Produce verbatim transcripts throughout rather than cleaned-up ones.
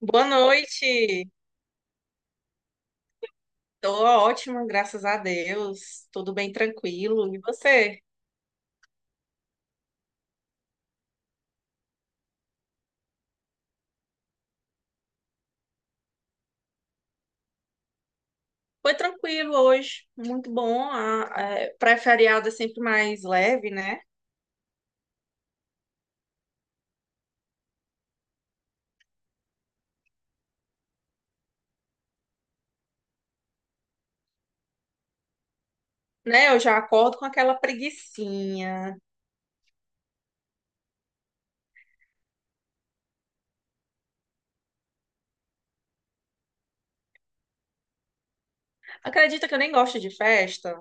Boa noite. Tô ótima, graças a Deus. Tudo bem tranquilo. E você? Foi tranquilo hoje, muito bom. A- é, Pré-feriado é sempre mais leve, né? Né? Eu já acordo com aquela preguicinha. Acredita que eu nem gosto de festa?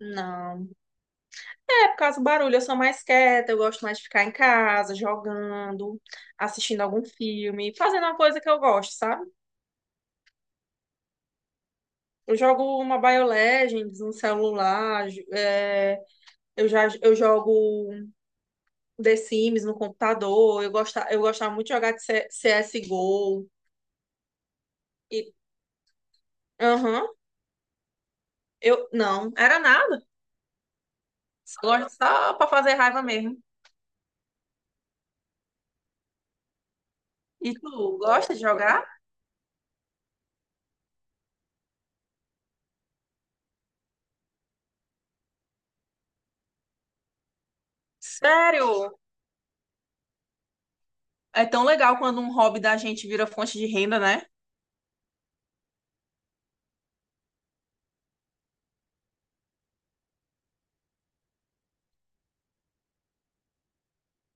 Não. É por causa do barulho, eu sou mais quieta, eu gosto mais de ficar em casa, jogando, assistindo algum filme, fazendo uma coisa que eu gosto, sabe? Eu jogo uma Mobile Legends no celular, j- é, eu já eu jogo The Sims no computador. Eu gostava, eu gostava muito de jogar de C- C s C S G O. E, aham, eu não, era nada. Só gosto só pra fazer raiva mesmo. E tu, gosta de jogar? Sério? É tão legal quando um hobby da gente vira fonte de renda, né?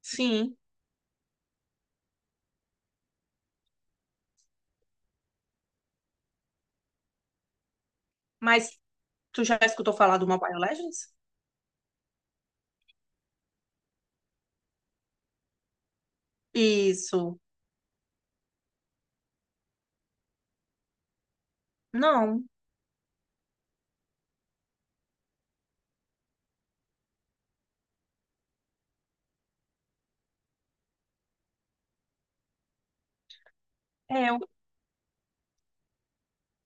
Sim. Mas tu já escutou falar do Mobile Legends? Isso. Não. É,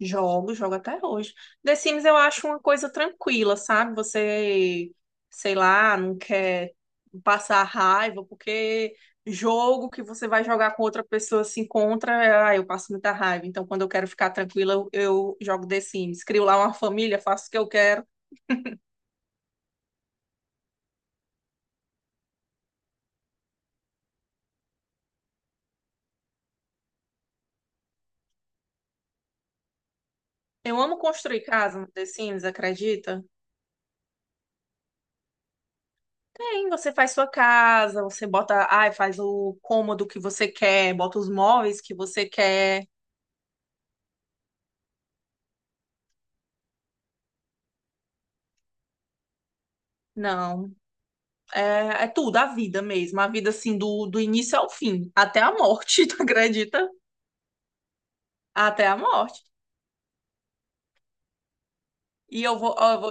Jogo, jogo até hoje. The Sims eu acho uma coisa tranquila, sabe? Você, sei lá, não quer passar raiva, porque jogo que você vai jogar com outra pessoa se encontra, é, ah, eu passo muita raiva. Então, quando eu quero ficar tranquila, eu, eu jogo The Sims. Crio lá uma família, faço o que eu quero. Eu amo construir casa no The Sims, acredita? Tem, você faz sua casa, você bota, ai, faz o cômodo que você quer, bota os móveis que você quer. Não, É, é tudo, a vida mesmo. A vida, assim, do, do início ao fim. Até a morte, tu acredita? Até a morte. E eu vou, ó, eu vou...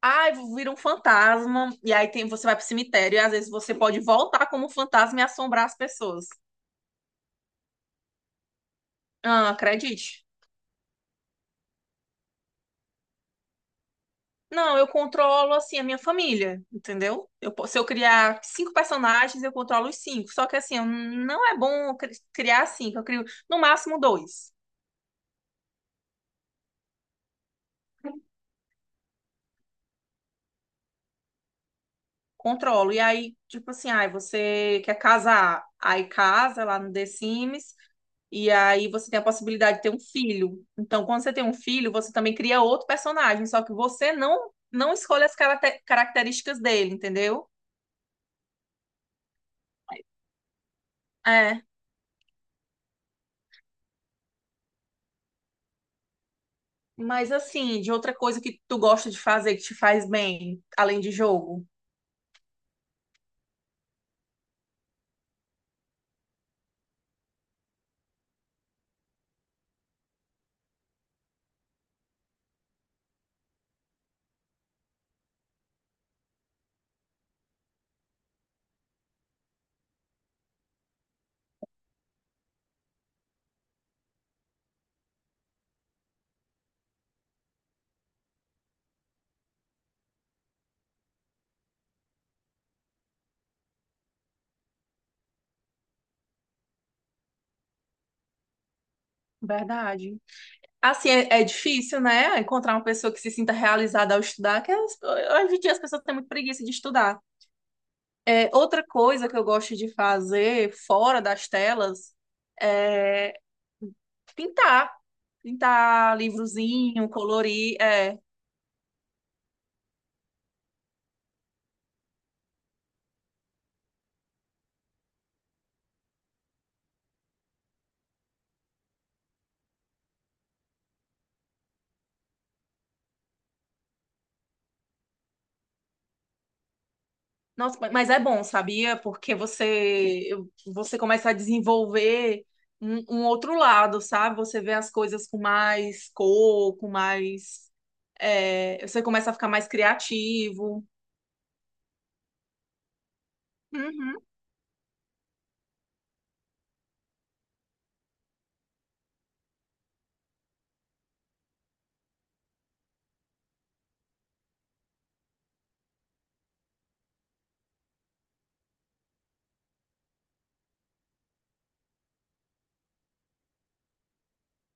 Ai, vou vir um fantasma. E aí tem, você vai pro cemitério e às vezes você pode voltar como fantasma e assombrar as pessoas. Ah, acredite. Não, eu controlo, assim, a minha família, entendeu? Eu, po- se eu criar cinco personagens, eu controlo os cinco. Só que, assim, eu- não é bom eu cri- criar cinco. Eu crio, no máximo, dois. Controlo. E aí, tipo assim, ai, você quer casar, aí casa lá no The Sims, e aí você tem a possibilidade de ter um filho. Então, quando você tem um filho, você também cria outro personagem, só que você não não escolhe as caracter- características dele, entendeu? É. Mas assim, de outra coisa que tu gosta de fazer que te faz bem, além de jogo. Verdade. Assim, é, é difícil, né? Encontrar uma pessoa que se sinta realizada ao estudar, que as- hoje em dia as pessoas têm muito preguiça de estudar. É, outra coisa que eu gosto de fazer fora das telas é pintar. Pintar livrozinho, colorir. É. Nossa, mas é bom, sabia? Porque você, você começa a desenvolver um, um outro lado, sabe? Você vê as coisas com mais cor, com mais. É, você começa a ficar mais criativo. Uhum.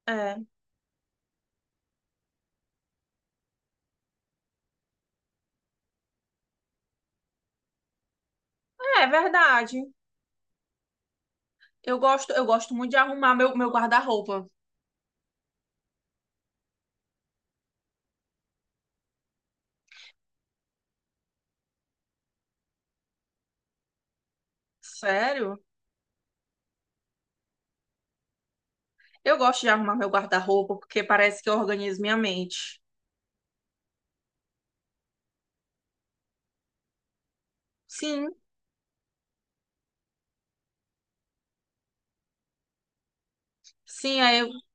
É, é verdade. Eu gosto, eu gosto muito de arrumar meu, meu guarda-roupa. Sério? Eu gosto de arrumar meu guarda-roupa porque parece que eu organizo minha mente. Sim, sim, aí eu-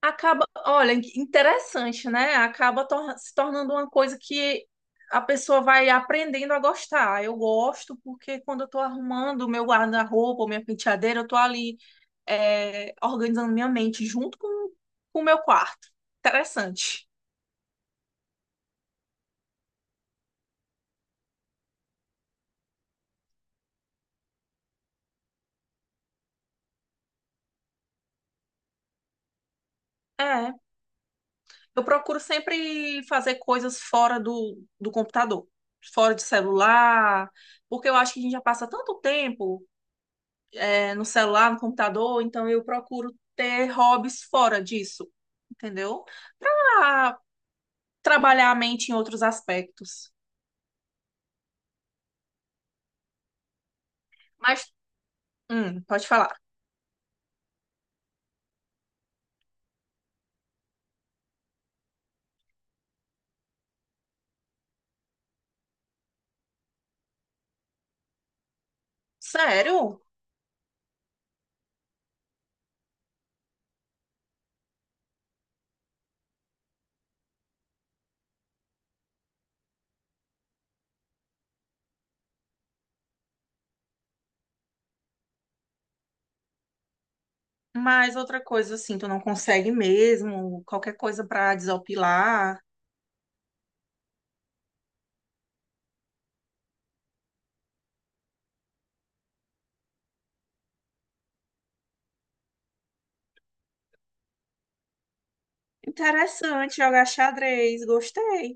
acaba, olha, interessante, né? Acaba tor- se tornando uma coisa que a pessoa vai aprendendo a gostar. Eu gosto porque quando eu tô arrumando o meu guarda-roupa, minha penteadeira, eu tô ali é, organizando minha mente junto com com o meu quarto. Interessante. É. Eu procuro sempre fazer coisas fora do, do computador, fora de celular, porque eu acho que a gente já passa tanto tempo, é, no celular, no computador, então eu procuro ter hobbies fora disso, entendeu? Pra trabalhar a mente em outros aspectos. Mas, hum, pode falar. Sério? Mas outra coisa assim, tu não consegue mesmo, qualquer coisa pra desopilar. Interessante jogar xadrez, gostei.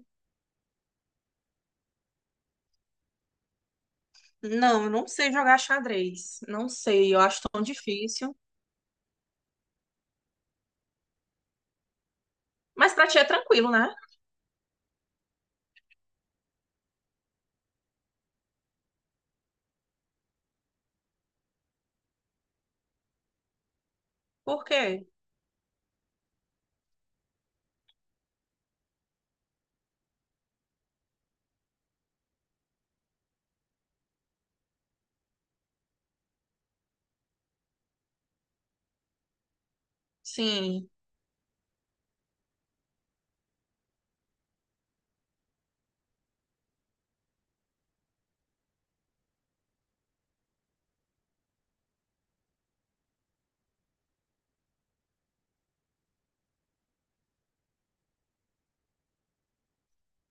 Não, eu não sei jogar xadrez. Não sei, eu acho tão difícil. Mas pra ti é tranquilo, né? Por quê? Sim,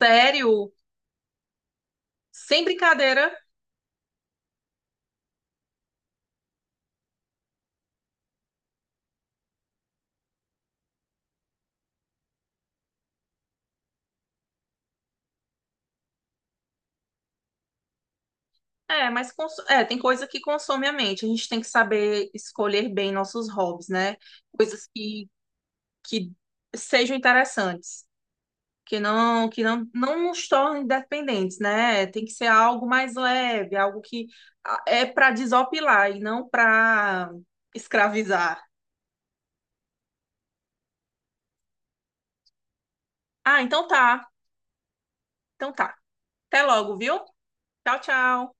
sério, sem brincadeira. É, mas cons- é, tem coisa que consome a mente. A gente tem que saber escolher bem nossos hobbies, né? Coisas que, que sejam interessantes, que não que não, não nos tornem dependentes, né? Tem que ser algo mais leve, algo que ah, é pra desopilar e não para escravizar. Ah, então tá. Então tá. Até logo, viu? Tchau, tchau.